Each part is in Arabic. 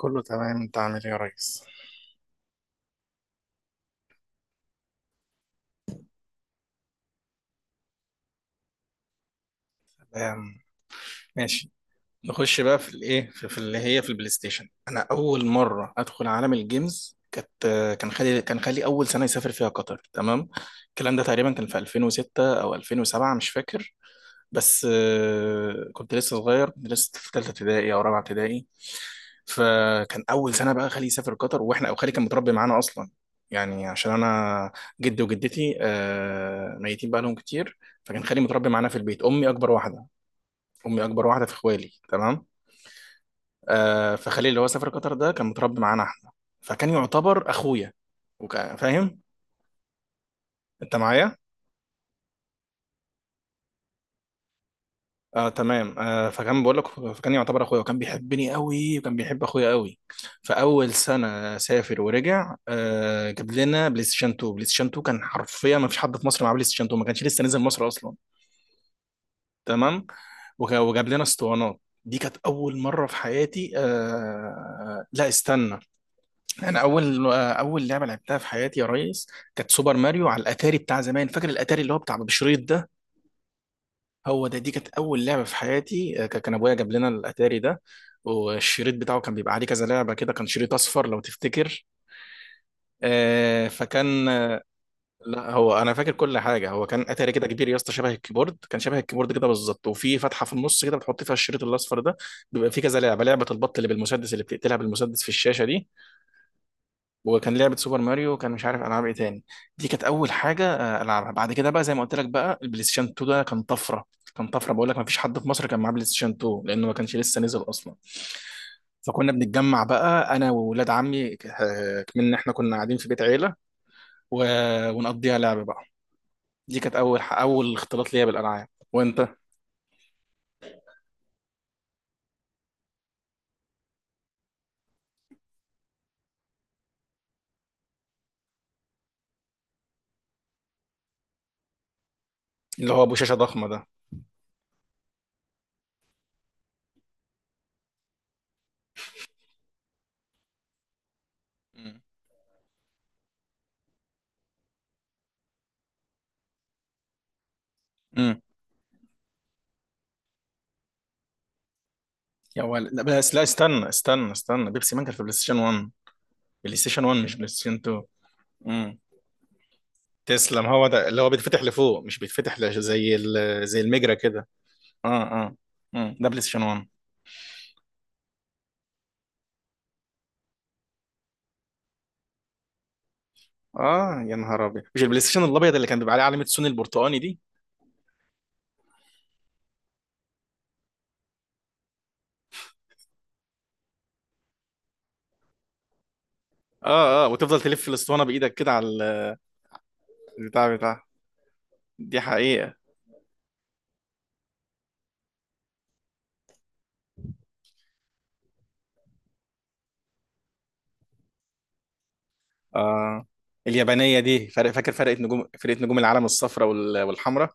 كله تمام، انت عامل ايه يا ريس؟ تمام. ماشي. نخش بقى في الايه في اللي هي في البلاي ستيشن. انا اول مره ادخل عالم الجيمز كانت كان خالي اول سنه يسافر فيها قطر. تمام. الكلام ده تقريبا كان في 2006 او 2007، مش فاكر. بس آه، كنت لسه صغير، كنت لسه في ثالثه ابتدائي او رابعه ابتدائي. فكان اول سنه بقى خالي يسافر قطر واحنا، او خالي كان متربي معانا اصلا. يعني عشان انا جدي وجدتي آه، ميتين بقى لهم كتير. فكان خالي متربي معانا في البيت. امي اكبر واحده في اخوالي. تمام. آه، فخالي اللي هو سافر قطر ده كان متربي معانا احنا. فكان يعتبر اخويا وكان فاهم. انت معايا؟ آه تمام. آه، فكان بقول لك فكان يعتبر اخويا وكان بيحبني قوي وكان بيحب اخويا قوي. فاول سنه سافر ورجع آه، جاب لنا بلاي ستيشن 2. بلاي ستيشن 2 كان حرفيا ما فيش حد في مصر معاه بلاي ستيشن 2، ما كانش لسه نزل مصر اصلا. تمام. وجاب لنا اسطوانات. دي كانت اول مره في حياتي. آه لا استنى. انا اول لعبه لعبتها في حياتي يا ريس كانت سوبر ماريو على الاتاري بتاع زمان. فاكر الاتاري اللي هو بتاع بشريط ده؟ هو ده. دي كانت اول لعبه في حياتي. كان ابويا جاب لنا الاتاري ده. والشريط بتاعه كان بيبقى عليه كذا لعبه كده، كان شريط اصفر لو تفتكر. آه، فكان آه، لا هو انا فاكر كل حاجه. هو كان اتاري كده كبير يا اسطى، شبه الكيبورد، كان شبه الكيبورد كده بالظبط، وفي فتحه في النص كده بتحط فيها الشريط الاصفر ده. بيبقى فيه كذا لعبه، لعبه البط اللي بالمسدس اللي بتقتلها بالمسدس في الشاشه دي. وكان لعبة سوبر ماريو، وكان مش عارف ألعاب إيه تاني. دي كانت أول حاجة آه، ألعبها. بعد كده بقى، زي ما قلت لك، بقى البلاي ستيشن 2 ده كان طفرة. كان طفرة، بقول لك ما فيش حد في مصر كان معاه بلاي ستيشن 2 لأنه ما كانش لسه نزل أصلا. فكنا بنتجمع بقى أنا وولاد عمي آه، من إحنا كنا قاعدين في بيت عيلة. و... ونقضيها لعب بقى. دي كانت أول اختلاط ليا بالألعاب. وأنت؟ اللي هو أبو شاشة ضخمة ده. مم. مم. يا ولد لا، بس لا استنى استنى استنى، بيبسي مان كان في بلاي ستيشن 1. بلاي ستيشن 1 مش بلاي ستيشن 2. تسلم، هو ده اللي هو بيتفتح لفوق، مش بيتفتح لش- زي زي المجرة كده. اه اه. مم. ده بلاي ستيشن 1. اه يا نهار ابيض، مش البلاي ستيشن الابيض اللي كان بيبقى عليه علامة سوني البرتقاني دي. اه اه، وتفضل تلف الاسطوانة بايدك كده على البتاع بتاع. دي حقيقة. اه، اليابانية دي فرق. فاكر فرقة نجوم العالم الصفراء والحمراء.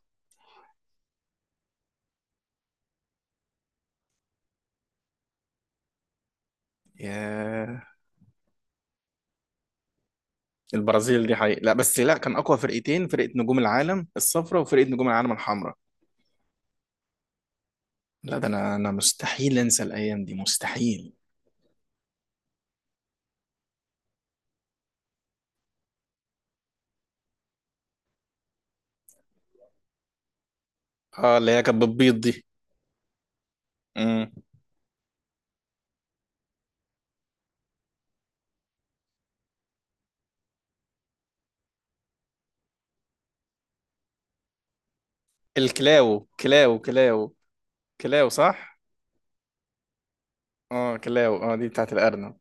ياه. البرازيل دي حقيقة، لا بس لا، كان اقوى فرقتين فرقة نجوم العالم الصفراء وفرقة نجوم العالم الحمراء. لا ده انا مستحيل انسى الايام دي مستحيل. اه، اللي هي كانت بتبيض دي. امم. الكلاو كلاو كلاو. كلاو صح. اه كلاو، اه دي بتاعت الارنب.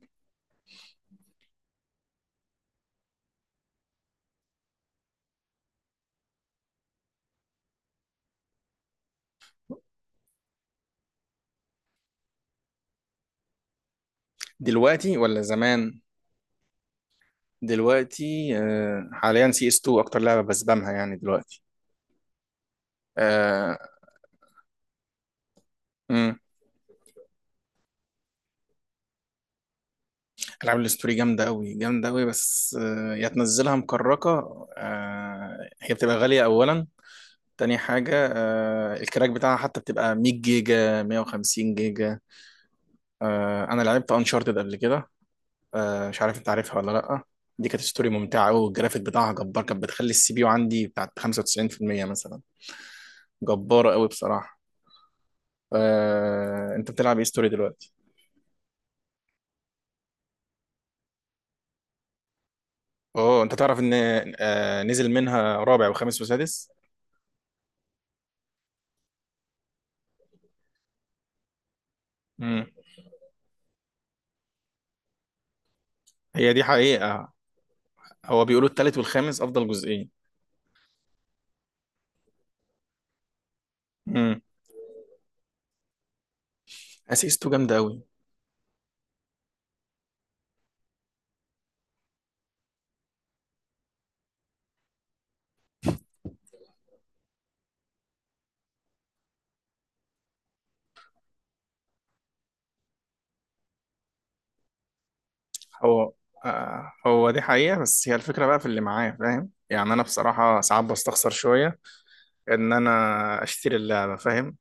دلوقتي ولا زمان؟ دلوقتي. آه، حاليا سي اس 2 اكتر لعبه بسبامها يعني دلوقتي. آه. امم. العاب الاستوري جامده قوي جامده قوي، بس آه يا تنزلها مكركه، آه هي بتبقى غاليه اولا. تاني حاجه آه، الكراك بتاعها حتى بتبقى 100 جيجا 150 جيجا. آه، انا لعبت انشارتد قبل كده. آه، مش عارف انت عارفها ولا لا. دي كانت ستوري ممتعه قوي، والجرافيك بتاعها جبار. كانت بتخلي السي بي يو عندي بتاعت 95% مثلا. جباره قوي بصراحه. آه، انت بتلعب ايه ستوري دلوقتي؟ اوه، انت تعرف ان آه، نزل منها رابع وخامس وسادس. امم. هي دي حقيقه. هو بيقولوا التالت والخامس افضل جزئين. امم. اسيس 2 جامده قوي. هو آه، هو دي حقيقه، بس هي الفكره بقى في اللي معايا فاهم. يعني انا بصراحه ساعات بستخسر شويه ان انا اشتري اللعبه، فاهم.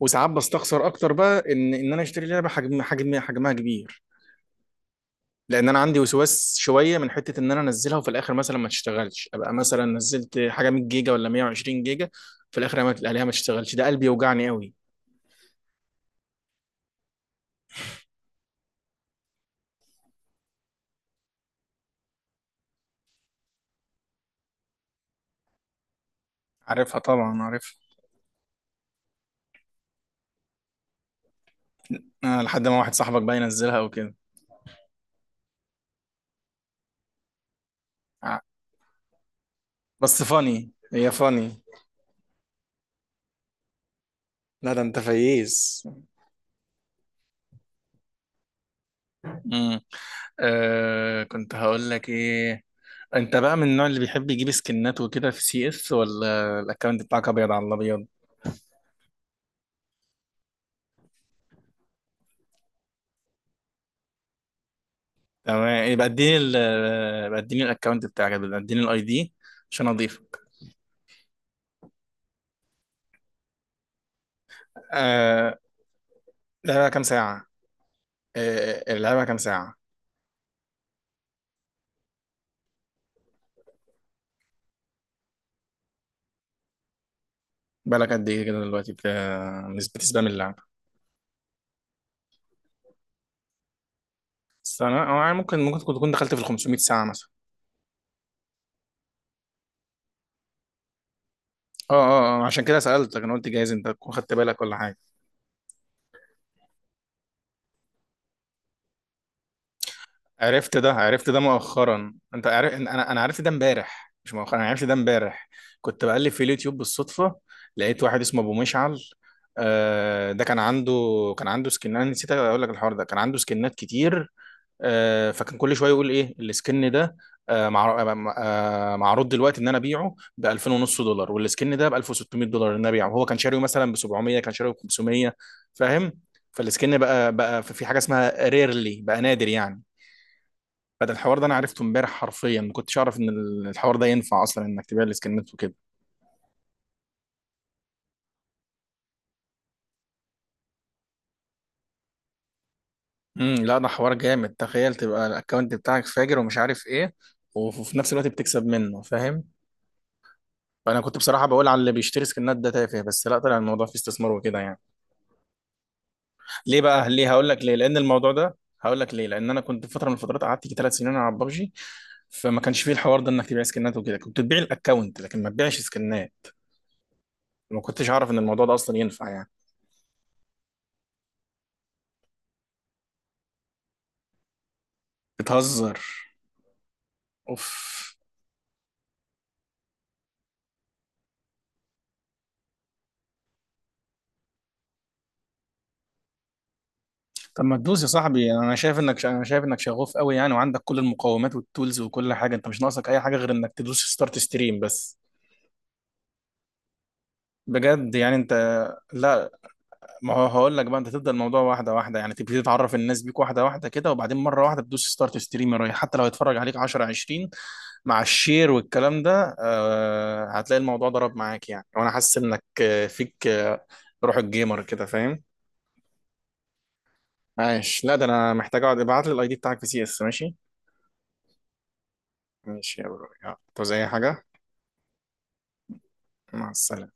وساعات بستخسر اكتر بقى ان انا اشتري لعبه حجمها كبير. لان انا عندي وسواس شويه من حته ان انا انزلها وفي الاخر مثلا ما تشتغلش، ابقى مثلا نزلت حاجه 100 جيجا ولا 120 جيجا، في الاخر ما الاقيها ما تشتغلش، ده قلبي يوجعني قوي. عارفها طبعا عارفها. آه، لحد ما واحد صاحبك بقى ينزلها وكده. ع- بس فاني، هي فاني. لا ده انت فييز. امم. آه، كنت هقول لك ايه. انت بقى من النوع اللي بيحب يجيب سكنات وكده في سي اس، ولا الاكونت بتاعك ابيض على الابيض؟ تمام، يبقى اديني الاكونت بتاعك، يبقى اديني الاي دي عشان اضيفك. آه، لعبها كام ساعة؟ آه، لعبها كام ساعة؟ بالك قد ايه كده دلوقتي بتسبام اللعبة؟ سنة أو يعني ممكن ممكن تكون دخلت في ال 500 ساعة مثلا. اه اه اه، عشان كده سألتك، انا قلت جايز انت تكون خدت بالك ولا حاجة. عرفت ده مؤخرا. انت عارف إن انا، انا عرفت ده امبارح، مش مؤخرا، انا عرفت ده امبارح. كنت بقلب في اليوتيوب بالصدفه، لقيت واحد اسمه ابو مشعل. آه، ده كان عنده، كان عنده سكن، انا نسيت اقول لك الحوار ده، كان عنده سكنات كتير. آه، فكان كل شويه يقول ايه السكن ده. معروض دلوقتي ان انا ابيعه ب 2000 ونص دولار، والسكن ده ب $1600 ان انا ابيعه، هو كان شاريه مثلا ب 700، كان شاريه ب 500. فاهم؟ فالسكن بقى في حاجه اسمها ريرلي بقى، نادر يعني. فده الحوار ده انا عرفته امبارح حرفيا، ما كنتش اعرف ان الحوار ده ينفع اصلا انك تبيع السكنات وكده. امم. لا ده حوار جامد، تخيل تبقى الاكونت بتاعك فاجر ومش عارف ايه، وفي نفس الوقت بتكسب منه، فاهم. فانا كنت بصراحه بقول على اللي بيشتري سكنات ده تافه، بس لا، طلع الموضوع فيه استثمار وكده يعني. ليه بقى؟ ليه؟ هقول لك ليه، لان الموضوع ده هقول لك ليه، لان انا كنت في فتره من الفترات قعدت يجي ثلاث سنين على ببجي. فما كانش فيه الحوار ده انك تبيع سكنات وكده، كنت تبيع الاكونت لكن ما تبيعش سكنات. ما كنتش اعرف ان الموضوع ده اصلا ينفع يعني. بتهزر؟ اوف. طب ما تدوس يا صاحبي، انا شايف انك انا شايف انك شغوف قوي يعني، وعندك كل المقومات والتولز وكل حاجه، انت مش ناقصك اي حاجه غير انك تدوس ستارت ستريم بس. بجد يعني انت. لا. ما هو هقول لك بقى، انت تبدا الموضوع واحده واحده، يعني تبتدي تعرف الناس بيك واحده واحده كده، وبعدين مره واحده تدوس ستارت ستريم رايح، حتى لو هيتفرج عليك 10 20 مع الشير والكلام ده، آه هتلاقي الموضوع ضرب معاك يعني. وانا حاسس انك آه، فيك آه، روح الجيمر كده فاهم. عايش. لا ده انا محتاج اقعد. ابعت لي الاي دي بتاعك في سي اس. ماشي. ماشي يا برو، يلا طب زي حاجة. مع السلامة.